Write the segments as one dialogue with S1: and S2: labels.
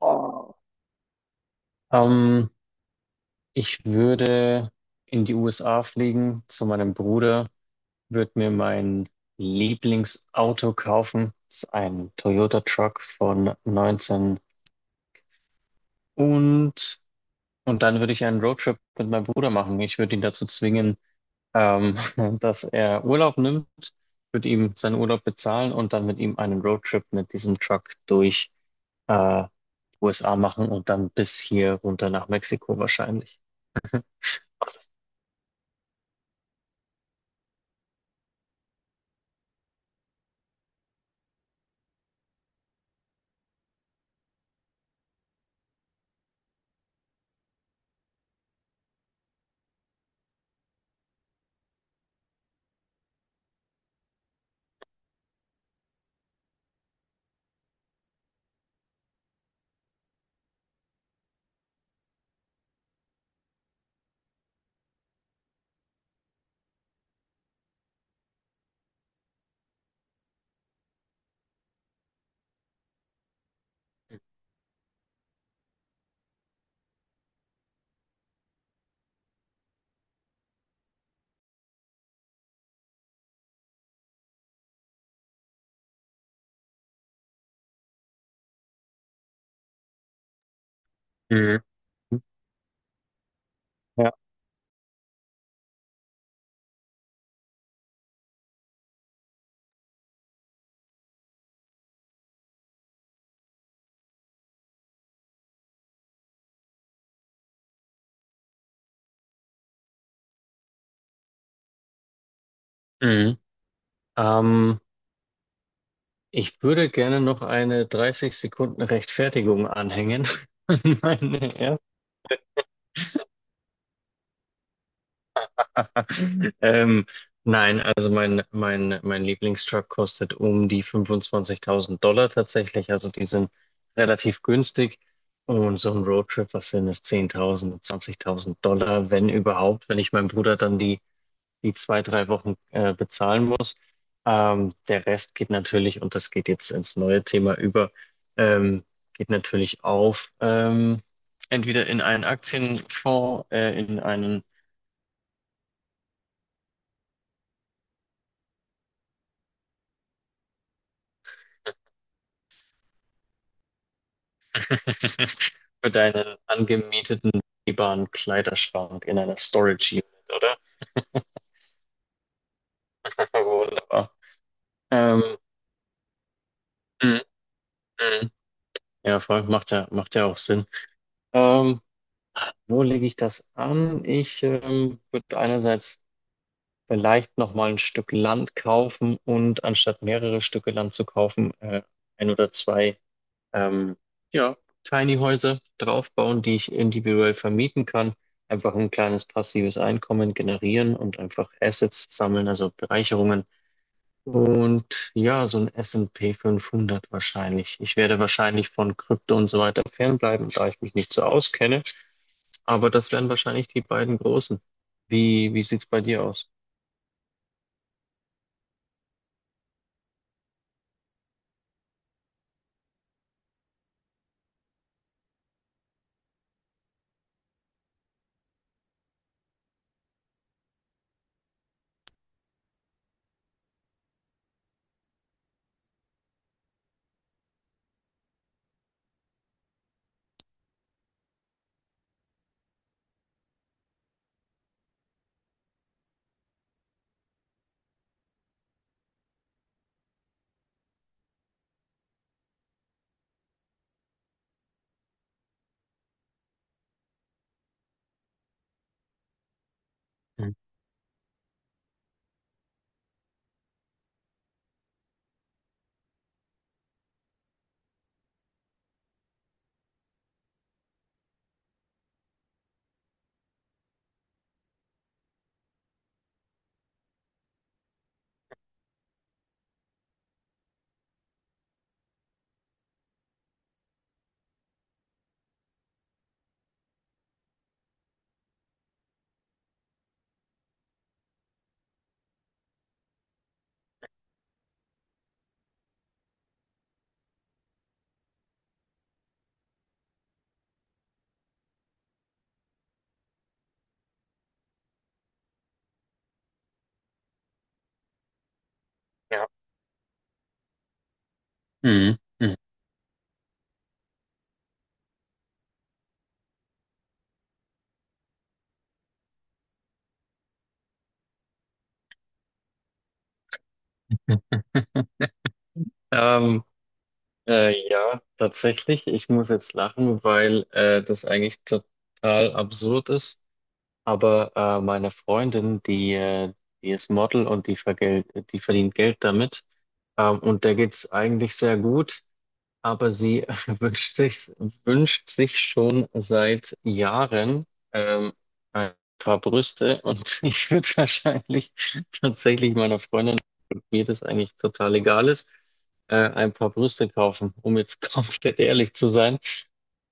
S1: Oh. Ähm, Ich würde in die USA fliegen zu meinem Bruder, würde mir mein Lieblingsauto kaufen. Das ist ein Toyota Truck von 19 und, und dann würde ich einen Roadtrip mit meinem Bruder machen. Ich würde ihn dazu zwingen, ähm, dass er Urlaub nimmt, würde ihm seinen Urlaub bezahlen und dann mit ihm einen Roadtrip mit diesem Truck durch äh, USA machen und dann bis hier runter nach Mexiko wahrscheinlich. Mhm. Ja. Mhm. Ähm, Ich würde gerne noch eine 30 Sekunden Rechtfertigung anhängen. an Meine erste. Ähm, nein, also mein Lieblingstruck kostet um die $25.000 tatsächlich. Also die sind relativ günstig. Und so ein Roadtrip, was sind es? 10.000, $20.000, wenn überhaupt. Wenn ich meinem Bruder dann die zwei, drei Wochen bezahlen muss. Der Rest geht natürlich, und das geht jetzt ins neue Thema über, ähm, geht natürlich auf, entweder in einen Aktienfonds, in einen für deinen angemieteten begehbaren Kleiderschrank, in einer Storage Unit, oder? Wunderbar. Ähm, mm, mm. Ja, voll, macht ja auch Sinn. Ähm, Wo lege ich das an? Ich würde einerseits vielleicht nochmal ein Stück Land kaufen und anstatt mehrere Stücke Land zu kaufen, ein oder zwei, ähm, ja, Tiny Häuser draufbauen, die ich individuell vermieten kann. Einfach ein kleines passives Einkommen generieren und einfach Assets sammeln, also Bereicherungen. Und ja, so ein S&P 500 wahrscheinlich. Ich werde wahrscheinlich von Krypto und so weiter fernbleiben, da ich mich nicht so auskenne. Aber das wären wahrscheinlich die beiden großen. Wie sieht's bei dir aus? Mhm. Ja. Mhm. Mhm. Hm. Ähm, ja, tatsächlich. Ich muss jetzt lachen, weil das eigentlich total absurd ist. Aber meine Freundin, die ist Model und die verdient Geld damit. Und der geht's eigentlich sehr gut. Aber sie wünscht sich, wünscht sich schon seit Jahren ähm, ein paar Brüste. Und ich würde wahrscheinlich tatsächlich meiner Freundin mir das eigentlich total egal ist, ein paar Brüste kaufen, um jetzt komplett ehrlich zu sein.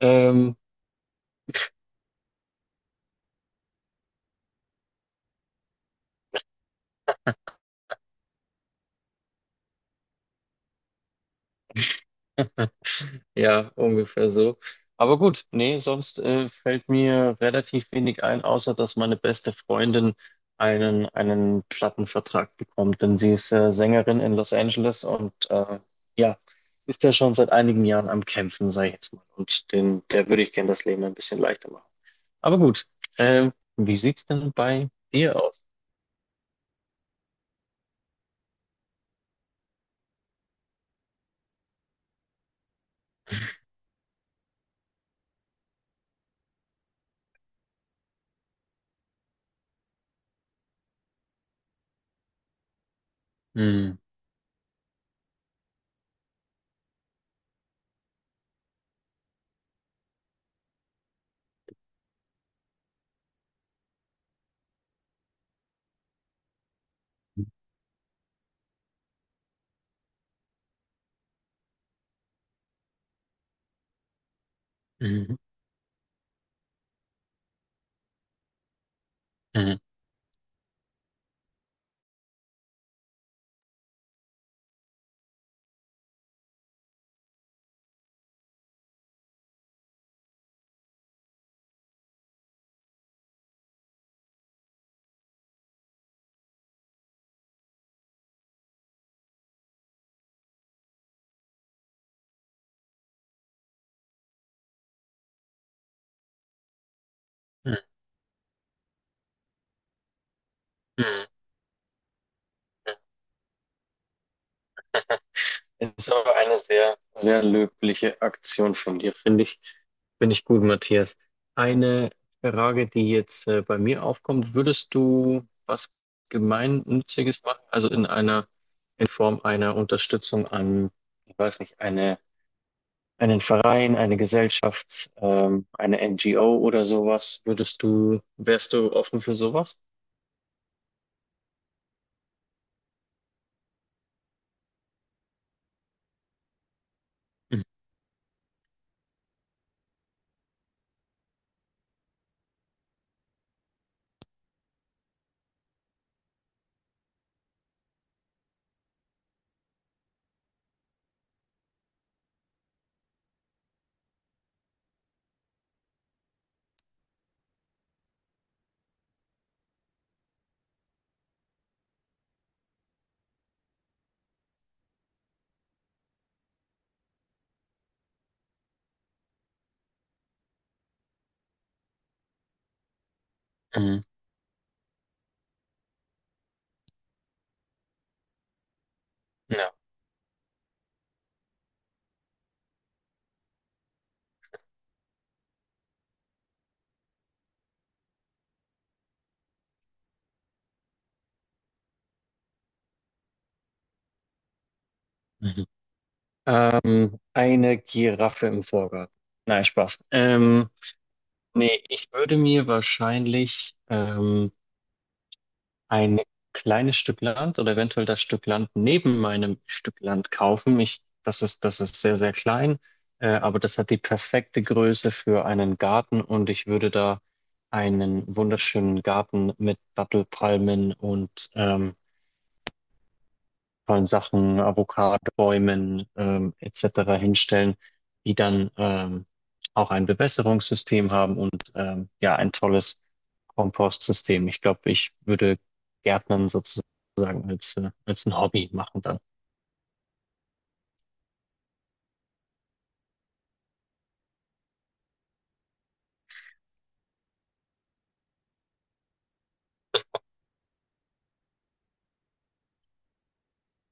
S1: Ähm, ja, ungefähr so. Aber gut, nee, sonst fällt mir relativ wenig ein, außer dass meine beste Freundin einen Plattenvertrag bekommt, denn sie ist Sängerin in Los Angeles und ja, ist ja schon seit einigen Jahren am Kämpfen, sage ich jetzt mal. Und der würde ich gerne das Leben ein bisschen leichter machen. Aber gut, wie sieht's denn bei dir aus? Hm. Mhm. Mhm. Mhm. Mhm. Es ist aber eine sehr, sehr löbliche Aktion von dir, finde ich. Finde ich gut, Matthias. Eine Frage, die jetzt bei mir aufkommt, würdest du was Gemeinnütziges machen? Also in einer, in Form einer Unterstützung an, ich weiß nicht, einen Verein, eine Gesellschaft, eine NGO oder sowas? Wärst du offen für sowas? Mhm. Mhm. Ja. Eine Giraffe im Vorgarten. Nein, Spaß. Nee, ich würde mir wahrscheinlich ein kleines Stück Land oder eventuell das Stück Land neben meinem Stück Land kaufen. Das ist sehr, sehr klein, aber das hat die perfekte Größe für einen Garten und ich würde da einen wunderschönen Garten mit Dattelpalmen und tollen Sachen, Avocadobäumen etc. hinstellen, die dann auch ein Bewässerungssystem haben und ja, ein tolles Kompostsystem. Ich glaube, ich würde Gärtnern sozusagen als, als ein Hobby machen dann.